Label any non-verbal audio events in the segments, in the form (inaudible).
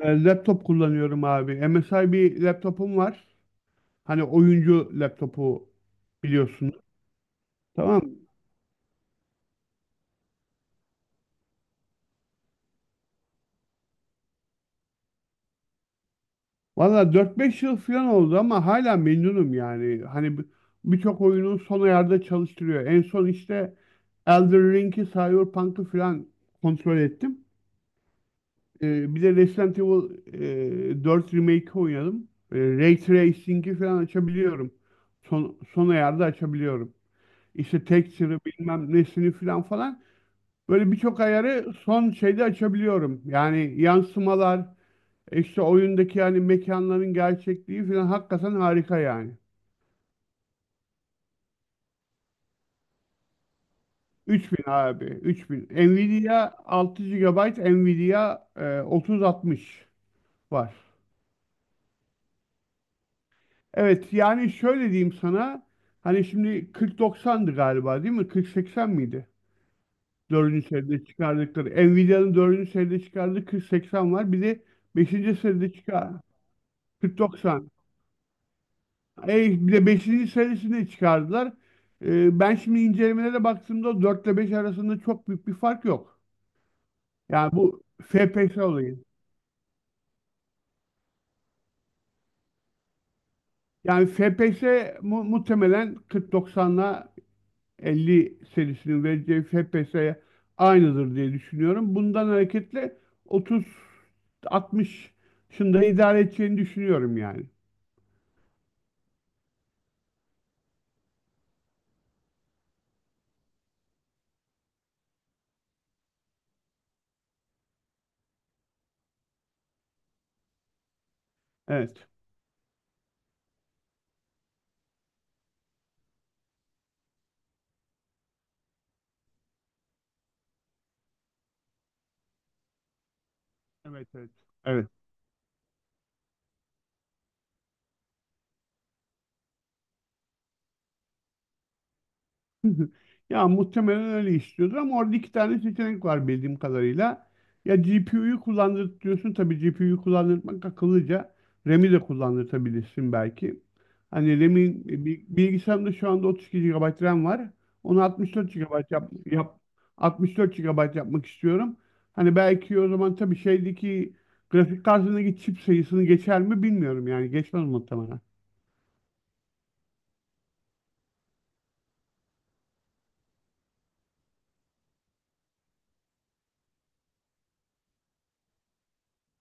Laptop kullanıyorum abi. MSI bir laptopum var. Hani oyuncu laptopu biliyorsun. Tamam. Valla 4-5 yıl falan oldu ama hala memnunum yani. Hani birçok oyunu son ayarda çalıştırıyor. En son işte Elden Ring'i, Cyberpunk'ı falan kontrol ettim. Bir de Resident Evil 4 Remake'i oynadım. Ray Tracing'i falan açabiliyorum. Son ayarda açabiliyorum. İşte texture'ı bilmem nesini falan falan. Böyle birçok ayarı son şeyde açabiliyorum. Yani yansımalar, işte oyundaki yani mekanların gerçekliği falan hakikaten harika yani. 3000 abi, 3000. Nvidia 6 gigabayt, Nvidia 3060 var. Evet yani şöyle diyeyim sana. Hani şimdi 4090'dı galiba değil mi? 4080 miydi? Dördüncü seride çıkardıkları. Nvidia'nın dördüncü seride çıkardığı 4080 var. Bir de beşinci seride çıkar. 4090. Bir de beşinci serisini çıkardılar. Ben şimdi incelemelere baktığımda 4 ile 5 arasında çok büyük bir fark yok. Yani bu FPS olayı. Yani FPS muhtemelen 4090'la 50 serisinin vereceği FPS'ye aynıdır diye düşünüyorum. Bundan hareketle 3060'ında idare edeceğini düşünüyorum yani. Evet. Evet, evet. Evet. (laughs) Ya muhtemelen öyle istiyordur ama orada iki tane seçenek var bildiğim kadarıyla. Ya GPU'yu kullandırıyorsun, tabii GPU'yu kullandırmak akıllıca. RAM'i de kullandırtabilirsin belki. Hani RAM'in bilgisayarımda şu anda 32 gigabayt RAM var. Onu 64 gigabayt yap 64 GB yapmak istiyorum. Hani belki o zaman tabii şeydeki grafik kartındaki çip sayısını geçer mi bilmiyorum, yani geçmez muhtemelen.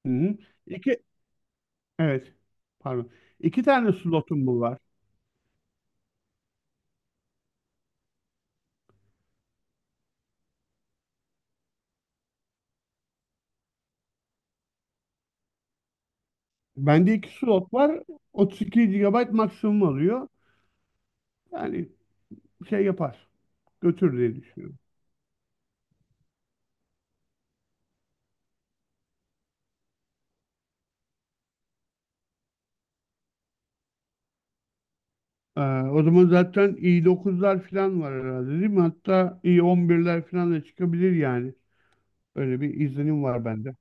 Hı hı. İki, evet, pardon. İki tane slotum bu var. Bende iki slot var. 32 gigabayt maksimum alıyor. Yani şey yapar. Götür diye düşünüyorum. Ee, O zaman zaten i9'lar falan var herhalde değil mi? Hatta i11'ler falan da çıkabilir yani. Öyle bir izlenim var bende.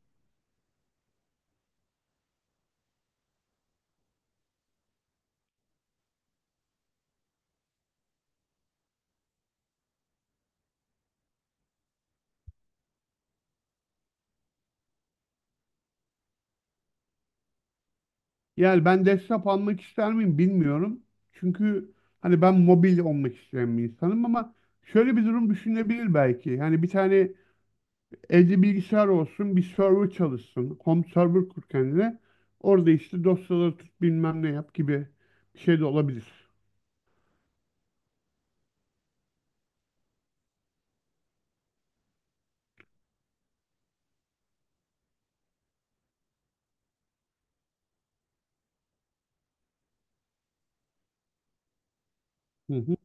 Yani ben desktop almak ister miyim bilmiyorum. Çünkü hani ben mobil olmak isteyen bir insanım ama şöyle bir durum düşünebilir belki. Hani bir tane. Evde bilgisayar olsun, bir server çalışsın. Home server kur kendine. Orada işte dosyaları tut bilmem ne yap gibi bir şey de olabilir. Hı hı.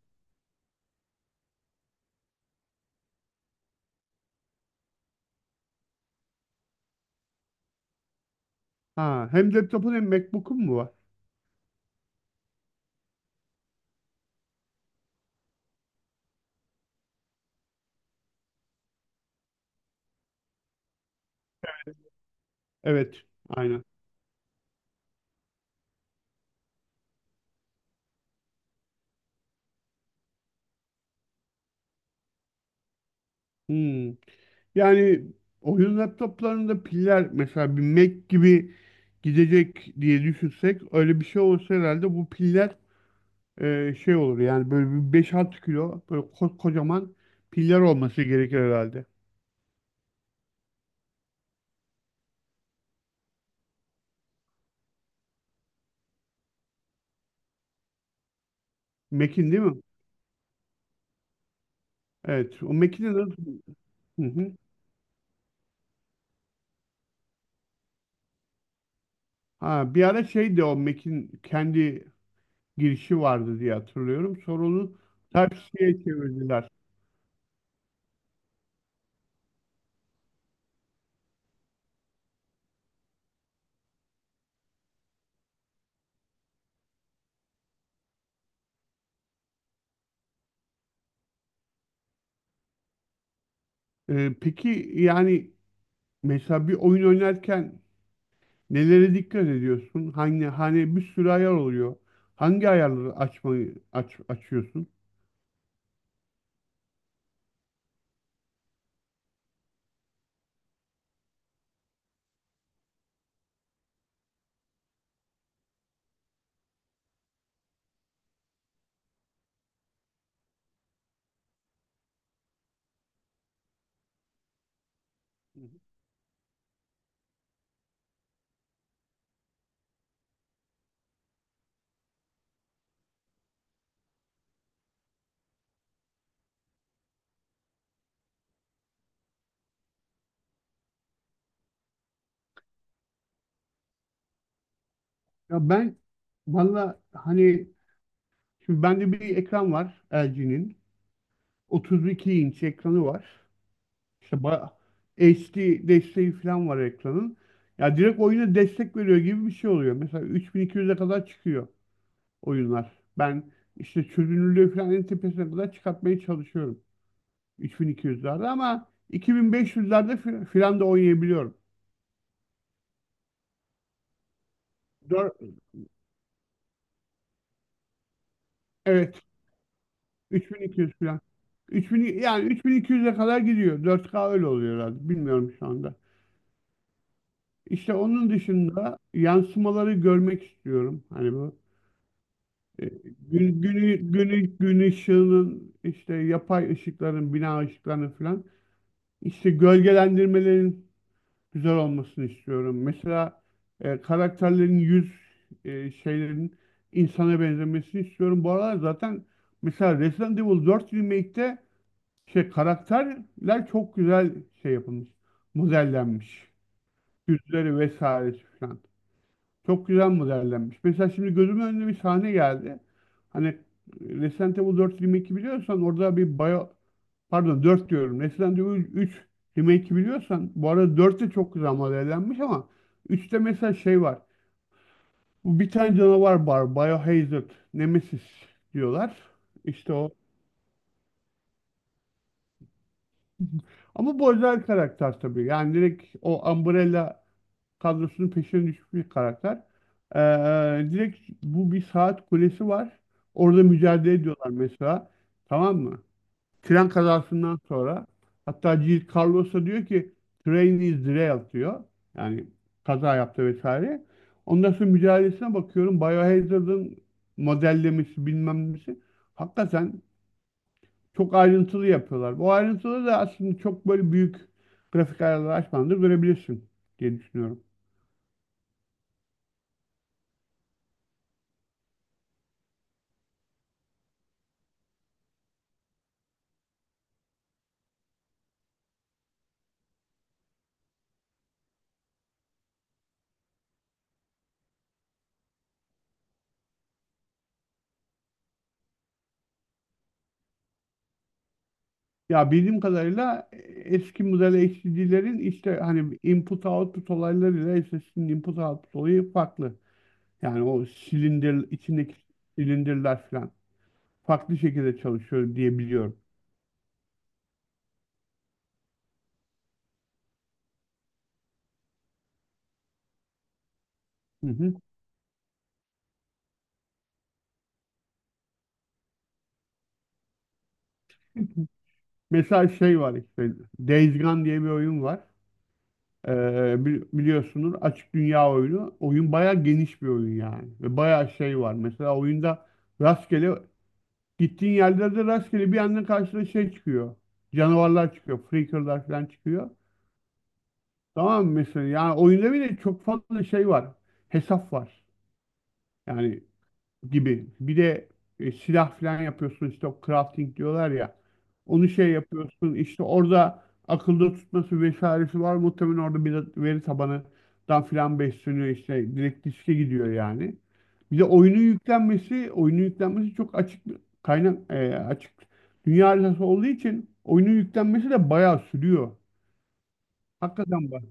Ha, hem laptopun hem MacBook'un mu var? Evet, aynen. Hmm. Yani oyun laptoplarında piller mesela bir Mac gibi gidecek diye düşünsek, öyle bir şey olsa herhalde bu piller şey olur yani, böyle bir 5-6 kilo böyle kocaman piller olması gerekir herhalde. Mac'in değil mi? Evet. O Mac'in de. Hı hı. Ha, bir ara şeydi o Mac'in kendi girişi vardı diye hatırlıyorum. Sonra onu Type-C'ye çevirdiler. Peki yani mesela bir oyun oynarken nelere dikkat ediyorsun? Hani bir sürü ayar oluyor. Hangi ayarları açmayı açıyorsun? Hı hı. Ya ben, valla, hani. Şimdi bende bir ekran var, LG'nin. 32 inç ekranı var. İşte HD desteği falan var ekranın. Ya direkt oyuna destek veriyor gibi bir şey oluyor. Mesela 3200'e kadar çıkıyor oyunlar. Ben işte çözünürlüğü falan en tepesine kadar çıkartmaya çalışıyorum. 3200'lerde ama 2500'lerde filan da oynayabiliyorum. Dör- evet, 3200 filan. 3000, yani 3200'e kadar gidiyor. 4K öyle oluyor herhalde. Bilmiyorum şu anda. İşte onun dışında yansımaları görmek istiyorum. Hani bu e, gün ışığının, işte yapay ışıkların, bina ışıklarının falan, işte gölgelendirmelerin güzel olmasını istiyorum. Mesela karakterlerin yüz şeylerin insana benzemesini istiyorum. Bu aralar zaten mesela Resident Evil 4 Remake'te şey karakterler çok güzel şey yapılmış, modellenmiş. Yüzleri vesairesi falan. Çok güzel modellenmiş. Mesela şimdi gözümün önüne bir sahne geldi. Hani Resident Evil 4 Remake'i biliyorsan orada Pardon, 4 diyorum. Resident Evil 3 Remake'i biliyorsan, bu arada 4 de çok güzel modellenmiş ama 3'te mesela şey var. Bu bir tane canavar var. Biohazard, Nemesis diyorlar. İşte o. (laughs) Ama bu özel karakter tabii. Yani direkt o Umbrella kadrosunun peşine düşmüş bir karakter. Direkt bu bir saat kulesi var. Orada mücadele ediyorlar mesela. Tamam mı? Tren kazasından sonra, hatta G. Carlos'a diyor ki, "train is derailed" diyor. Yani kaza yaptı vesaire. Ondan sonra mücadelesine bakıyorum. Biohazard'ın modellemesi bilmem nesi. Hakikaten çok ayrıntılı yapıyorlar. Bu ayrıntılı da aslında çok böyle büyük grafik ayarları açmadan da görebilirsin diye düşünüyorum. Ya bildiğim kadarıyla eski model HDD'lerin işte hani input output olaylarıyla SSD'nin input output olayı farklı. Yani o silindir içindeki silindirler falan farklı şekilde çalışıyor diye biliyorum. Hı hı. Mesela şey var işte Days Gone diye bir oyun var. Biliyorsunuz açık dünya oyunu. Oyun bayağı geniş bir oyun yani. Ve bayağı şey var. Mesela oyunda rastgele, gittiğin yerlerde rastgele bir anda karşına şey çıkıyor. Canavarlar çıkıyor. Freaker'lar falan çıkıyor. Tamam mı mesela? Yani oyunda bile çok fazla şey var. Hesap var. Yani gibi. Bir de silah falan yapıyorsun, işte o crafting diyorlar ya. Onu şey yapıyorsun, işte orada akılda tutması vesairesi var. Muhtemelen orada bir de veri tabanından filan besleniyor işte. Direkt diske gidiyor yani. Bir de oyunun yüklenmesi çok açık bir kaynak, açık dünya haritası olduğu için oyunun yüklenmesi de bayağı sürüyor. Hakikaten bak.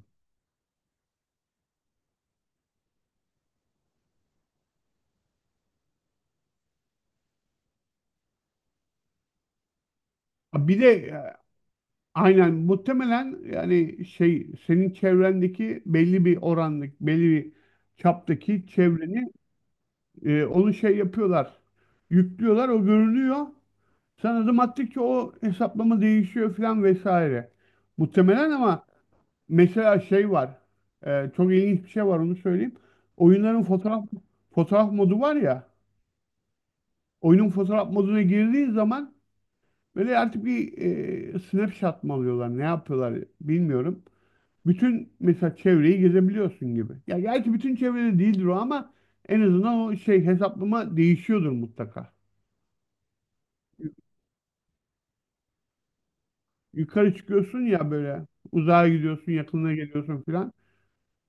Bir de aynen, muhtemelen yani şey, senin çevrendeki belli bir orandaki belli bir çaptaki çevreni onu şey yapıyorlar. Yüklüyorlar, o görünüyor. Sen adım attıkça o hesaplama değişiyor falan vesaire. Muhtemelen, ama mesela şey var. Çok ilginç bir şey var, onu söyleyeyim. Oyunların fotoğraf modu var ya. Oyunun fotoğraf moduna girdiğin zaman böyle artık bir snapshot mı alıyorlar, ne yapıyorlar bilmiyorum. Bütün mesela çevreyi gezebiliyorsun gibi. Ya gerçi bütün çevrede değildir o ama en azından o şey, hesaplama değişiyordur mutlaka. Yu- Yukarı çıkıyorsun ya böyle, uzağa gidiyorsun, yakınına geliyorsun filan.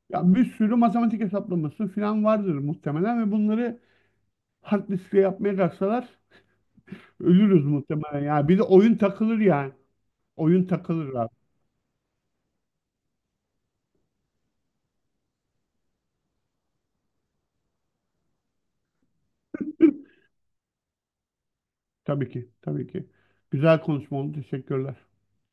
Ya bir sürü matematik hesaplaması filan vardır muhtemelen ve bunları hard diskle yapmaya kalksalar ölürüz muhtemelen. Ya bir de oyun takılır yani. Oyun takılır abi. (laughs) Tabii ki, tabii ki. Güzel konuşma oldu. Teşekkürler.